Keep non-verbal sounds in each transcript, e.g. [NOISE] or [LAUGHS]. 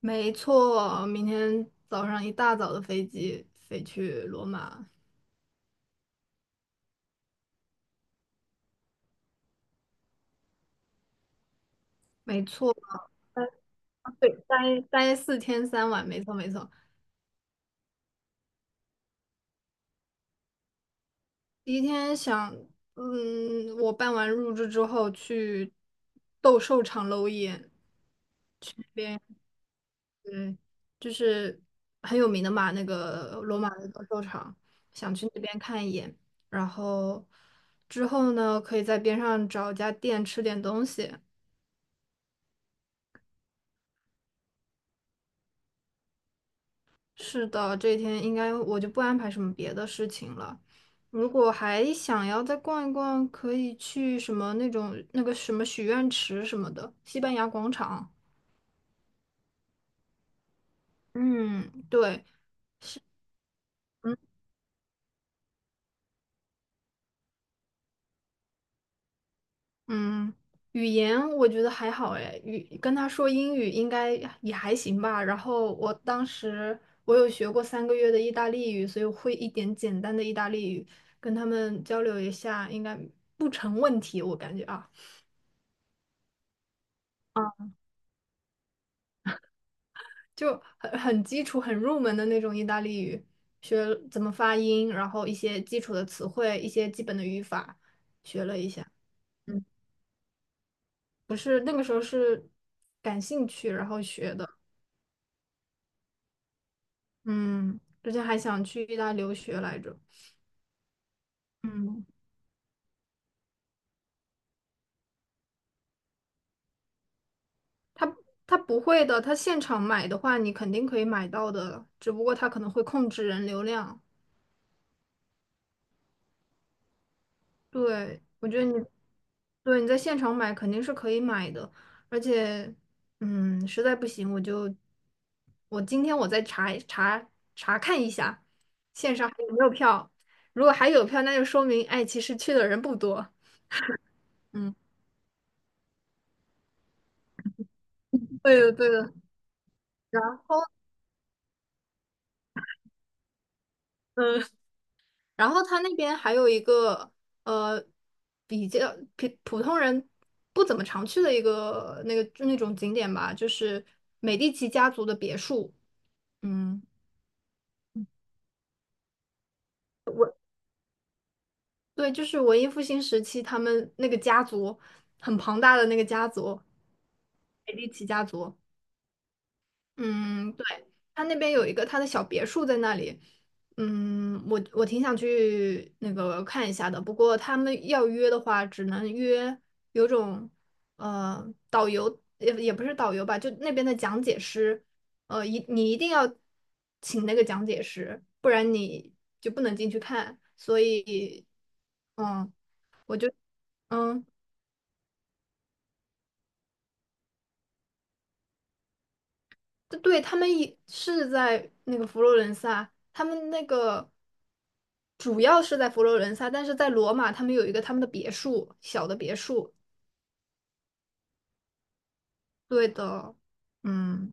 没错，明天早上一大早的飞机飞去罗马。没错，待对，待4天3晚，没错没错。第一天想，我办完入住之后去斗兽场搂一眼，那边嗯，就是很有名的嘛，那个罗马的斗兽场，想去那边看一眼。然后之后呢，可以在边上找家店吃点东西。是的，这一天应该我就不安排什么别的事情了。如果还想要再逛一逛，可以去什么那种那个什么许愿池什么的，西班牙广场。嗯，对，嗯嗯，语言我觉得还好哎，跟他说英语应该也还行吧。然后当时我有学过3个月的意大利语，所以我会一点简单的意大利语，跟他们交流一下应该不成问题，我感觉啊啊。就很基础、很入门的那种意大利语，学怎么发音，然后一些基础的词汇、一些基本的语法，学了一下。嗯，不是那个时候是感兴趣，然后学的。嗯，之前还想去意大利留学来着。嗯，他他不会的，他现场买的话，你肯定可以买到的，只不过他可能会控制人流量。对，我觉得你对你在现场买肯定是可以买的，而且，嗯，实在不行我就我今天再查一查看一下线上还有没有票，如果还有票，那就说明哎，其实去的人不多。嗯，对的对的。然后嗯，他那边还有一个呃比较普通人不怎么常去的一个那个就那种景点吧，就是美第奇家族的别墅。嗯。对，就是文艺复兴时期，他们那个家族很庞大的那个家族，美第奇家族。嗯，对，他那边有一个他的小别墅在那里。嗯，我挺想去那个看一下的，不过他们要约的话，只能约有种导游，也不是导游吧，就那边的讲解师。你一定要请那个讲解师，不然你就不能进去看。所以，嗯嗯。对，他们也是在那个佛罗伦萨，他们那个主要是在佛罗伦萨，但是在罗马，他们有一个他们的别墅，小的别墅。对的，嗯，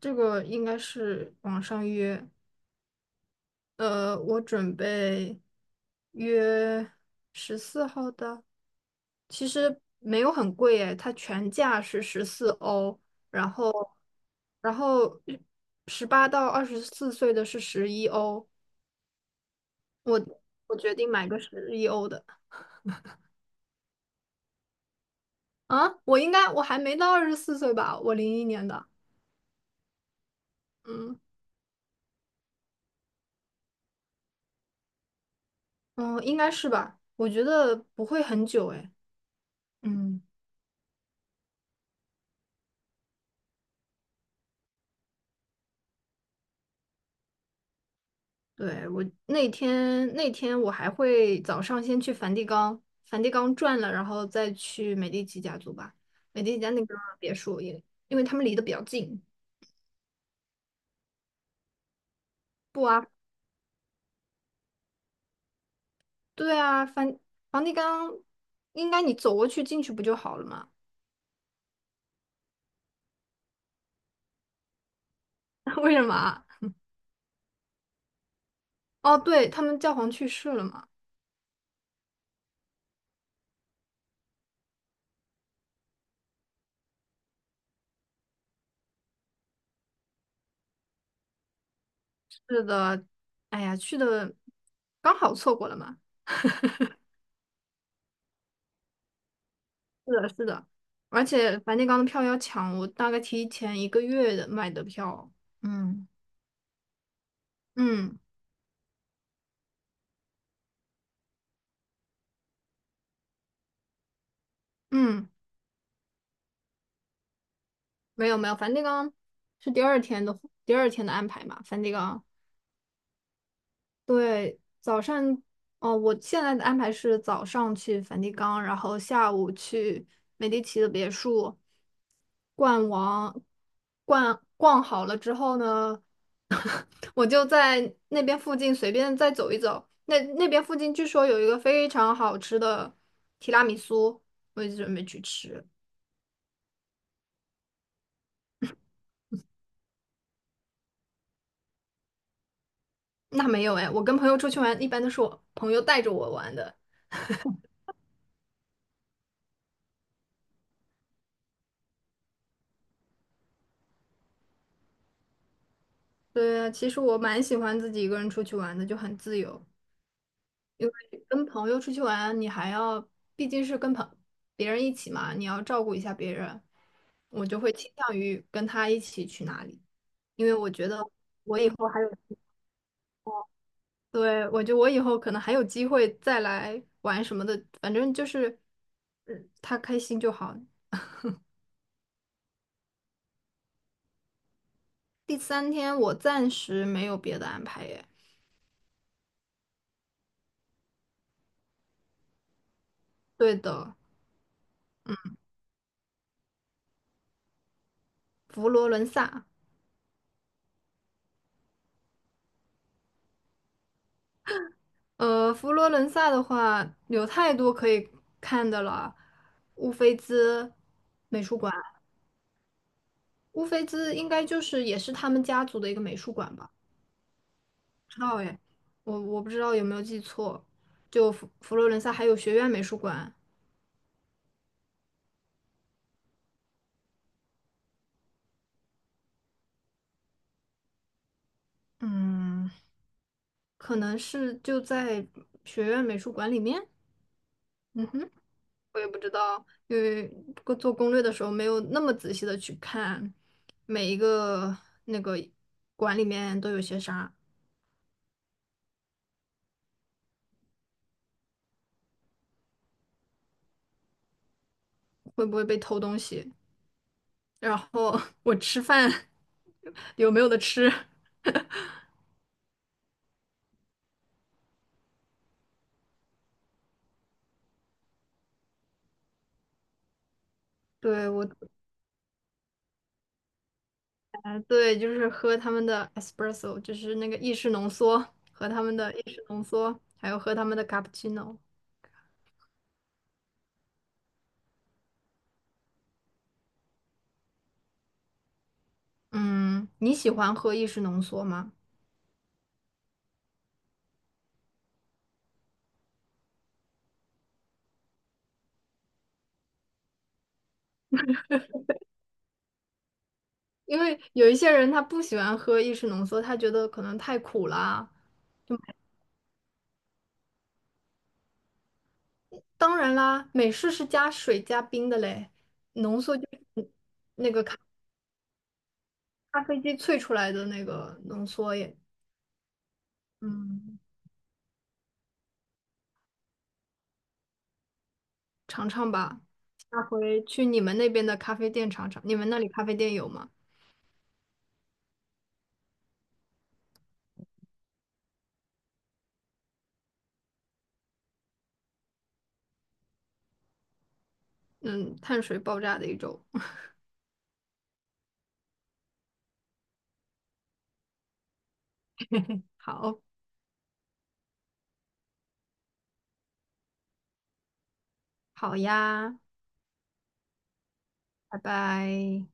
这个应该是网上约。我准备约14号的，其实没有很贵诶，它全价是14欧，然后然后18到24岁的是十一欧。我我决定买个十一欧的啊！我应该我还没到二十四岁吧？我01年的，嗯嗯，应该是吧？我觉得不会很久哎，嗯，对，我那天我还会早上先去梵蒂冈，梵蒂冈转了，然后再去美第奇家族吧。美第奇家那个别墅也，因为他们离得比较近。不啊，对啊，梵蒂冈应该你走过去进去不就好了吗？[LAUGHS] 为什么啊？哦，对，他们教皇去世了嘛。是的，哎呀，去的刚好错过了嘛。[LAUGHS] 是的，是的，而且梵蒂冈的票要抢，我大概提前1个月的买的票。嗯嗯嗯，没有没有，梵蒂冈是第二天的安排嘛，梵蒂冈对，早上，哦，我现在的安排是早上去梵蒂冈，然后下午去美第奇的别墅逛完，逛逛好了之后呢，[LAUGHS] 我就在那边附近随便再走一走。那那边附近据说有一个非常好吃的提拉米苏，我就准备去吃。那没有哎，我跟朋友出去玩，一般都是我朋友带着我玩的。对啊，其实我蛮喜欢自己一个人出去玩的，就很自由。因为跟朋友出去玩，你还要，毕竟是别人一起嘛，你要照顾一下别人，我就会倾向于跟他一起去哪里，因为我觉得我以后还有，对，我觉得我以后可能还有机会再来玩什么的，反正就是，嗯，他开心就好。第三天我暂时没有别的安排耶。对的，佛罗伦萨。呃，佛罗伦萨的话有太多可以看的了，乌菲兹美术馆，乌菲兹应该就是也是他们家族的一个美术馆吧？不知道哎，我不知道有没有记错。就佛罗伦萨还有学院美术馆，嗯，可能是就在学院美术馆里面。嗯哼，我也不知道，因为做做攻略的时候没有那么仔细的去看每一个那个馆里面都有些啥。会不会被偷东西，然后 [LAUGHS] 我吃饭 [LAUGHS] 有没有的吃。对，我，对，就是喝他们的 espresso，就是那个意式浓缩，和他们的意式浓缩，还有喝他们的 cappuccino。嗯，你喜欢喝意式浓缩吗？因为有一些人他不喜欢喝意式浓缩，他觉得可能太苦啦。当然啦，美式是加水加冰的嘞，浓缩就是咖啡机萃出来的那个浓缩也，嗯，尝尝吧。下回去你们那边的咖啡店尝尝，你们那里咖啡店有吗？嗯，碳水爆炸的一种，[LAUGHS] 好，好呀，拜拜。